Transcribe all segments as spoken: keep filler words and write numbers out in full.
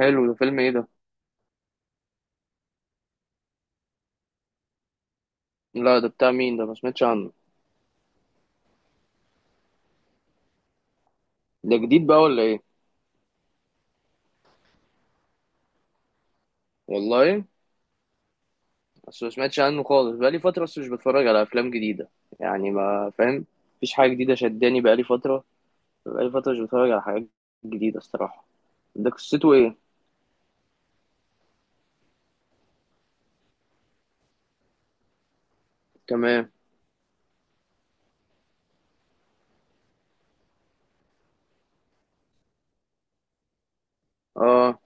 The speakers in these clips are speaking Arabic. حلو، ده فيلم ايه ده؟ لا، ده بتاع مين ده؟ ما سمعتش عنه. ده جديد بقى ولا ايه؟ والله. بس ما سمعتش عنه خالص، بقى لي فتره بس مش بتفرج على افلام جديده يعني، ما فاهم. مفيش حاجه جديده شداني بقى لي فتره. بقى لي فتره مش بتفرج على حاجات جديده الصراحه. ده قصته ايه؟ تمام. اه.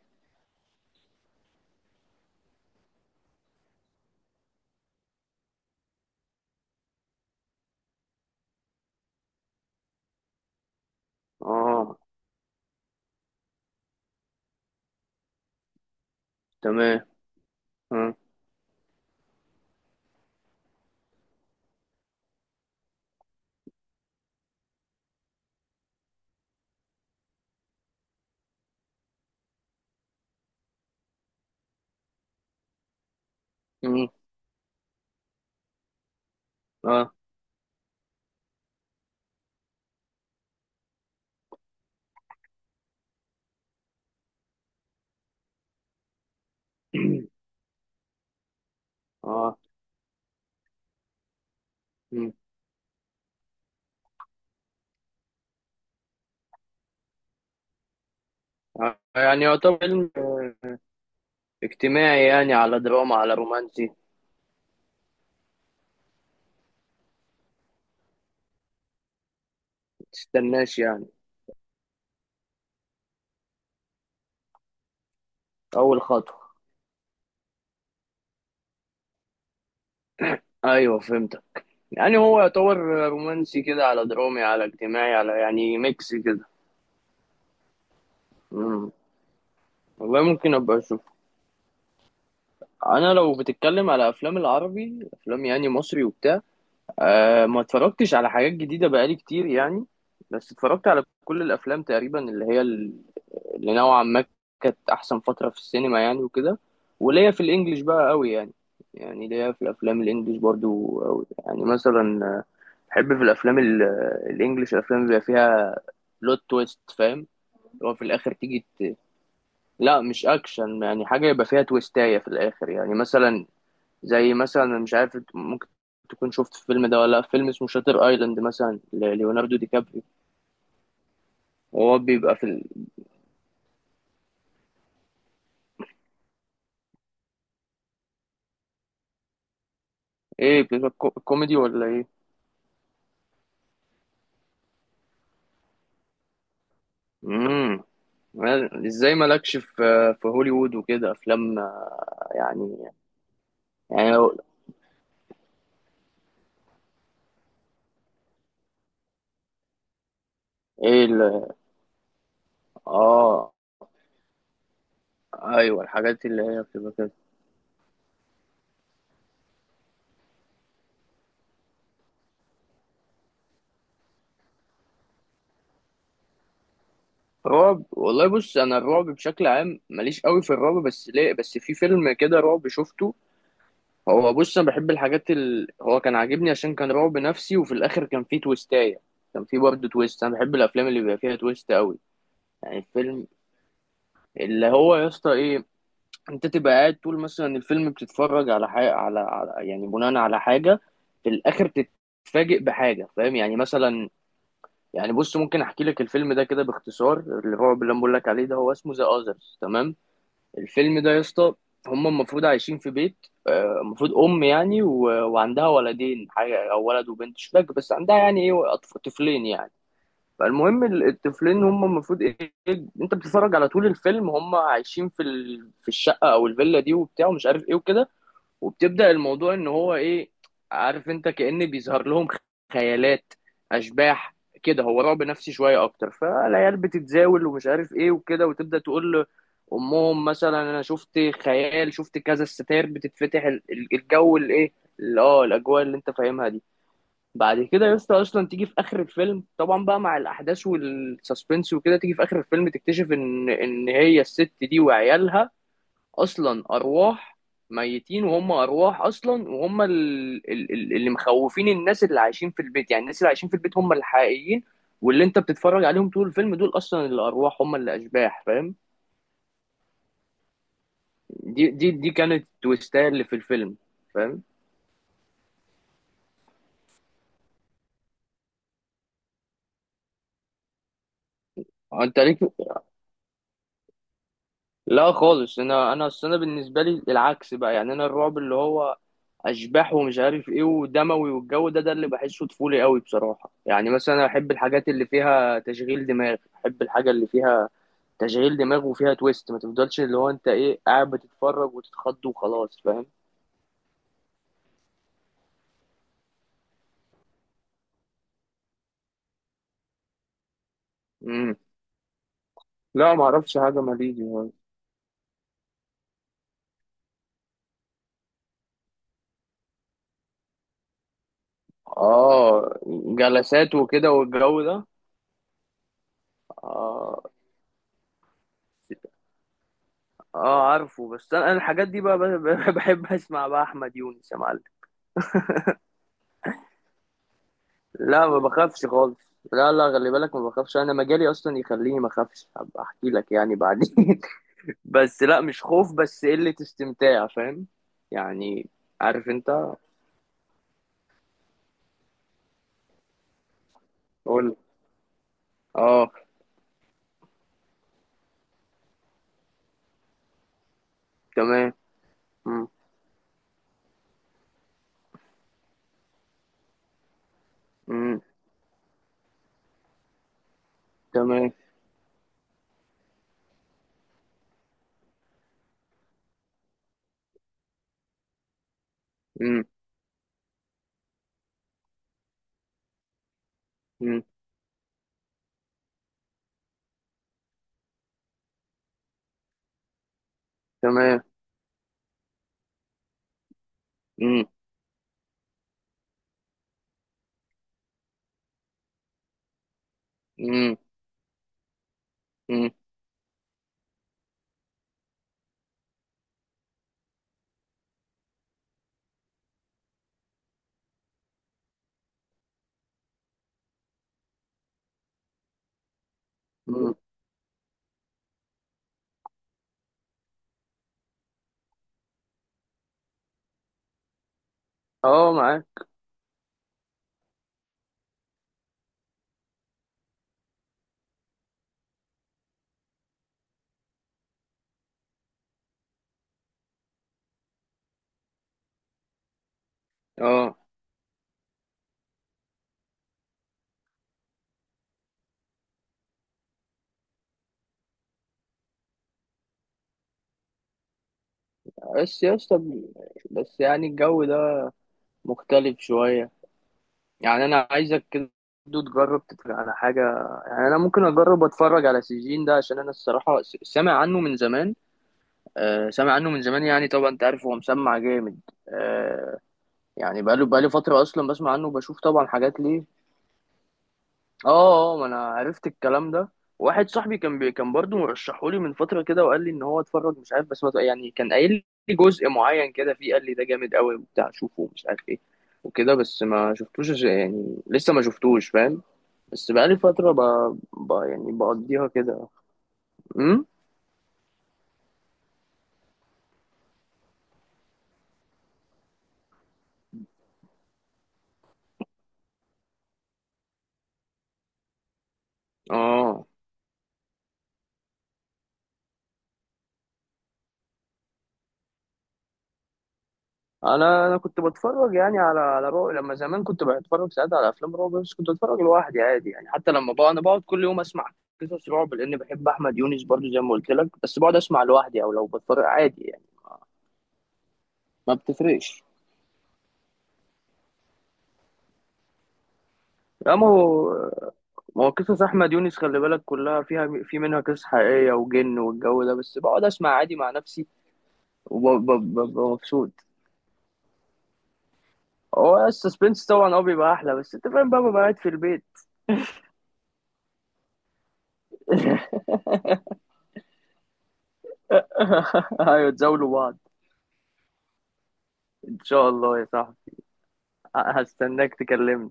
اه. تمام. اه. مم. اه. اه. مم. آه، يعني يعتبر فيلم اجتماعي، يعني على دراما على رومانسي، ما تستناش يعني. اول خطوه. ايوه، فهمت. يعني هو يعتبر رومانسي كده، على درامي على اجتماعي، على يعني ميكس كده. مم. والله ممكن ابقى اشوف. انا لو بتتكلم على افلام، العربي افلام يعني مصري وبتاع، أه ما اتفرجتش على حاجات جديده بقالي كتير يعني. بس اتفرجت على كل الافلام تقريبا، اللي هي ال- اللي نوعا ما كانت احسن فتره في السينما يعني وكده. وليا في الانجليش بقى قوي يعني، يعني ليا في الافلام الانجليش برضو قوي، يعني مثلا آه، بحب في الافلام ال- الانجليش، الافلام اللي بيبقى فيها بلوت تويست، فاهم، اللي هو في الاخر تيجي ت... لا مش اكشن، يعني حاجه يبقى فيها تويستايه في الاخر، يعني مثلا، زي مثلا أنا مش عارف، ممكن تكون شفت الفيلم ده ولا لأ، فيلم اسمه شاتر ايلاند مثلا لليوناردو دي كابريو، وهو بيبقى في ال... ايه، بيبقى كو- كوميدي ولا ايه؟ امم ازاي مالكش في في هوليوود وكده افلام يعني، يعني لو- ايه ال... اه، ايوه الحاجات اللي هي بتبقى كده. رعب، والله بص، انا الرعب بشكل عام ماليش قوي في الرعب بس، ليه بس في فيلم كده رعب شفته. هو بص، انا بحب الحاجات ال... هو كان عاجبني عشان كان رعب نفسي، وفي الاخر كان فيه تويستاية. كان فيه برضه تويست، انا بحب الافلام اللي بيبقى فيها تويست قوي. يعني الفيلم اللي هو، يا اسطى، ايه؟ انت تبقى قاعد طول مثلا الفيلم، بتتفرج على حاجه، على... على يعني بناء على حاجه، في الاخر تتفاجئ بحاجه، فاهم يعني، مثلا، يعني بص، ممكن احكي لك الفيلم ده كده باختصار، الرعب اللي انا بقول لك عليه ده، هو اسمه ذا اذرز، تمام. الفيلم ده يا اسطى، هم المفروض عايشين في بيت، آه، المفروض ام يعني و- وعندها ولدين، حاجه او ولد وبنت مش فاكر، بس عندها يعني ايه أطف- طفلين يعني. فالمهم ال- الطفلين هم المفروض ايه، إيه، انت بتتفرج على طول الفيلم هم عايشين في ال... في الشقه او الفيلا دي وبتاع، ومش عارف ايه وكده، وبتبدأ الموضوع ان هو ايه، عارف انت، كأن بيظهر لهم خيالات، اشباح كده، هو رعب نفسي شويه اكتر، فالعيال بتتزاول ومش عارف ايه وكده، وتبدأ تقول لامهم مثلا انا شفت خيال، شفت كذا، الستاير بتتفتح، ال- ال- الجو الايه. اه، الاجواء اللي انت فاهمها دي. بعد كده يا اسطى، اصلا تيجي في اخر الفيلم طبعا بقى مع الاحداث والسسبنس وكده، تيجي في اخر الفيلم تكتشف ان ان هي الست دي وعيالها اصلا ارواح، ميتين وهم ارواح اصلا، وهم ال- ال- ال- اللي مخوفين الناس اللي عايشين في البيت، يعني الناس اللي عايشين في البيت هم الحقيقيين، واللي انت بتتفرج عليهم طول الفيلم دول اصلا الارواح، هم اللي اشباح، فاهم. دي دي دي كانت التويستايه اللي في الفيلم، فاهم. انت ليك. لا خالص، انا انا اصل انا بالنسبه لي العكس بقى، يعني انا الرعب اللي هو اشباح ومش عارف ايه ودموي والجو ده ده اللي بحسه طفولي قوي بصراحه، يعني مثلا احب الحاجات اللي فيها تشغيل دماغ، احب الحاجه اللي فيها تشغيل دماغ وفيها تويست، ما تفضلش اللي هو انت ايه قاعد بتتفرج وتتخض وخلاص، فاهم. امم لا ما اعرفش حاجه ماليزي يعني. اه، جلسات وكده والجو ده. اه، اه عارفه، بس انا أنا الحاجات دي بقى ب- ب- بحب اسمع بقى احمد يونس يا معلم. لا ما بخافش خالص. لا، لا، خلي بالك ما بخافش، انا مجالي اصلا يخليني ما اخافش، هبقى احكي لك يعني بعدين بس لا، مش خوف بس قلة استمتاع، فاهم يعني، عارف انت. قول. اه. تمام. مم. مم. تمام. مم. مم. تمام. مم. مم. مم. مم. اه معاك. اه. بس يا اسطى، ب- بس يعني الجو ده مختلف شوية، يعني انا عايزك كده تجرب تتفرج على حاجة. يعني انا ممكن اجرب اتفرج على سجين ده، عشان انا الصراحة س- سامع عنه من زمان. آه، سامع عنه من زمان، يعني طبعا انت عارف هو مسمع جامد. آه، يعني بقاله بقاله فترة اصلا بسمع عنه، وبشوف طبعا حاجات ليه. اه. اه، ما انا عرفت الكلام ده. واحد صاحبي كان بي كان برضه مرشحولي من فتره كده، وقال لي ان هو اتفرج مش عارف، بس ما ت- يعني كان قايل لي جزء معين كده فيه، قال لي ده جامد قوي وبتاع، شوفه ومش عارف ايه وكده، بس ما شفتوش عش- يعني لسه ما شفتوش، فاهم. بس بقالي فتره ب... ب... يعني بقضيها كده. امم اه، انا انا كنت بتفرج يعني على على رعب، لما زمان كنت بتفرج ساعات على افلام رعب، بس كنت بتفرج لوحدي عادي، يعني حتى لما بقى انا بقعد كل يوم اسمع قصص رعب لان بحب احمد يونس برضو زي ما قلت لك، بس بقعد اسمع لوحدي او لو بتفرج عادي يعني. ما بتفرقش. لا، ما هو ما هو قصص احمد يونس خلي بالك كلها فيها في منها قصص حقيقيه وجن والجو ده، بس بقعد اسمع عادي مع نفسي، وببقى مبسوط. هو السسبنس طبعا اه بيبقى احلى، بس انت فاهم بقى، ببقى قاعد في البيت. ايوه، تزاولوا بعض. ان شاء الله يا صاحبي. هستناك تكلمني.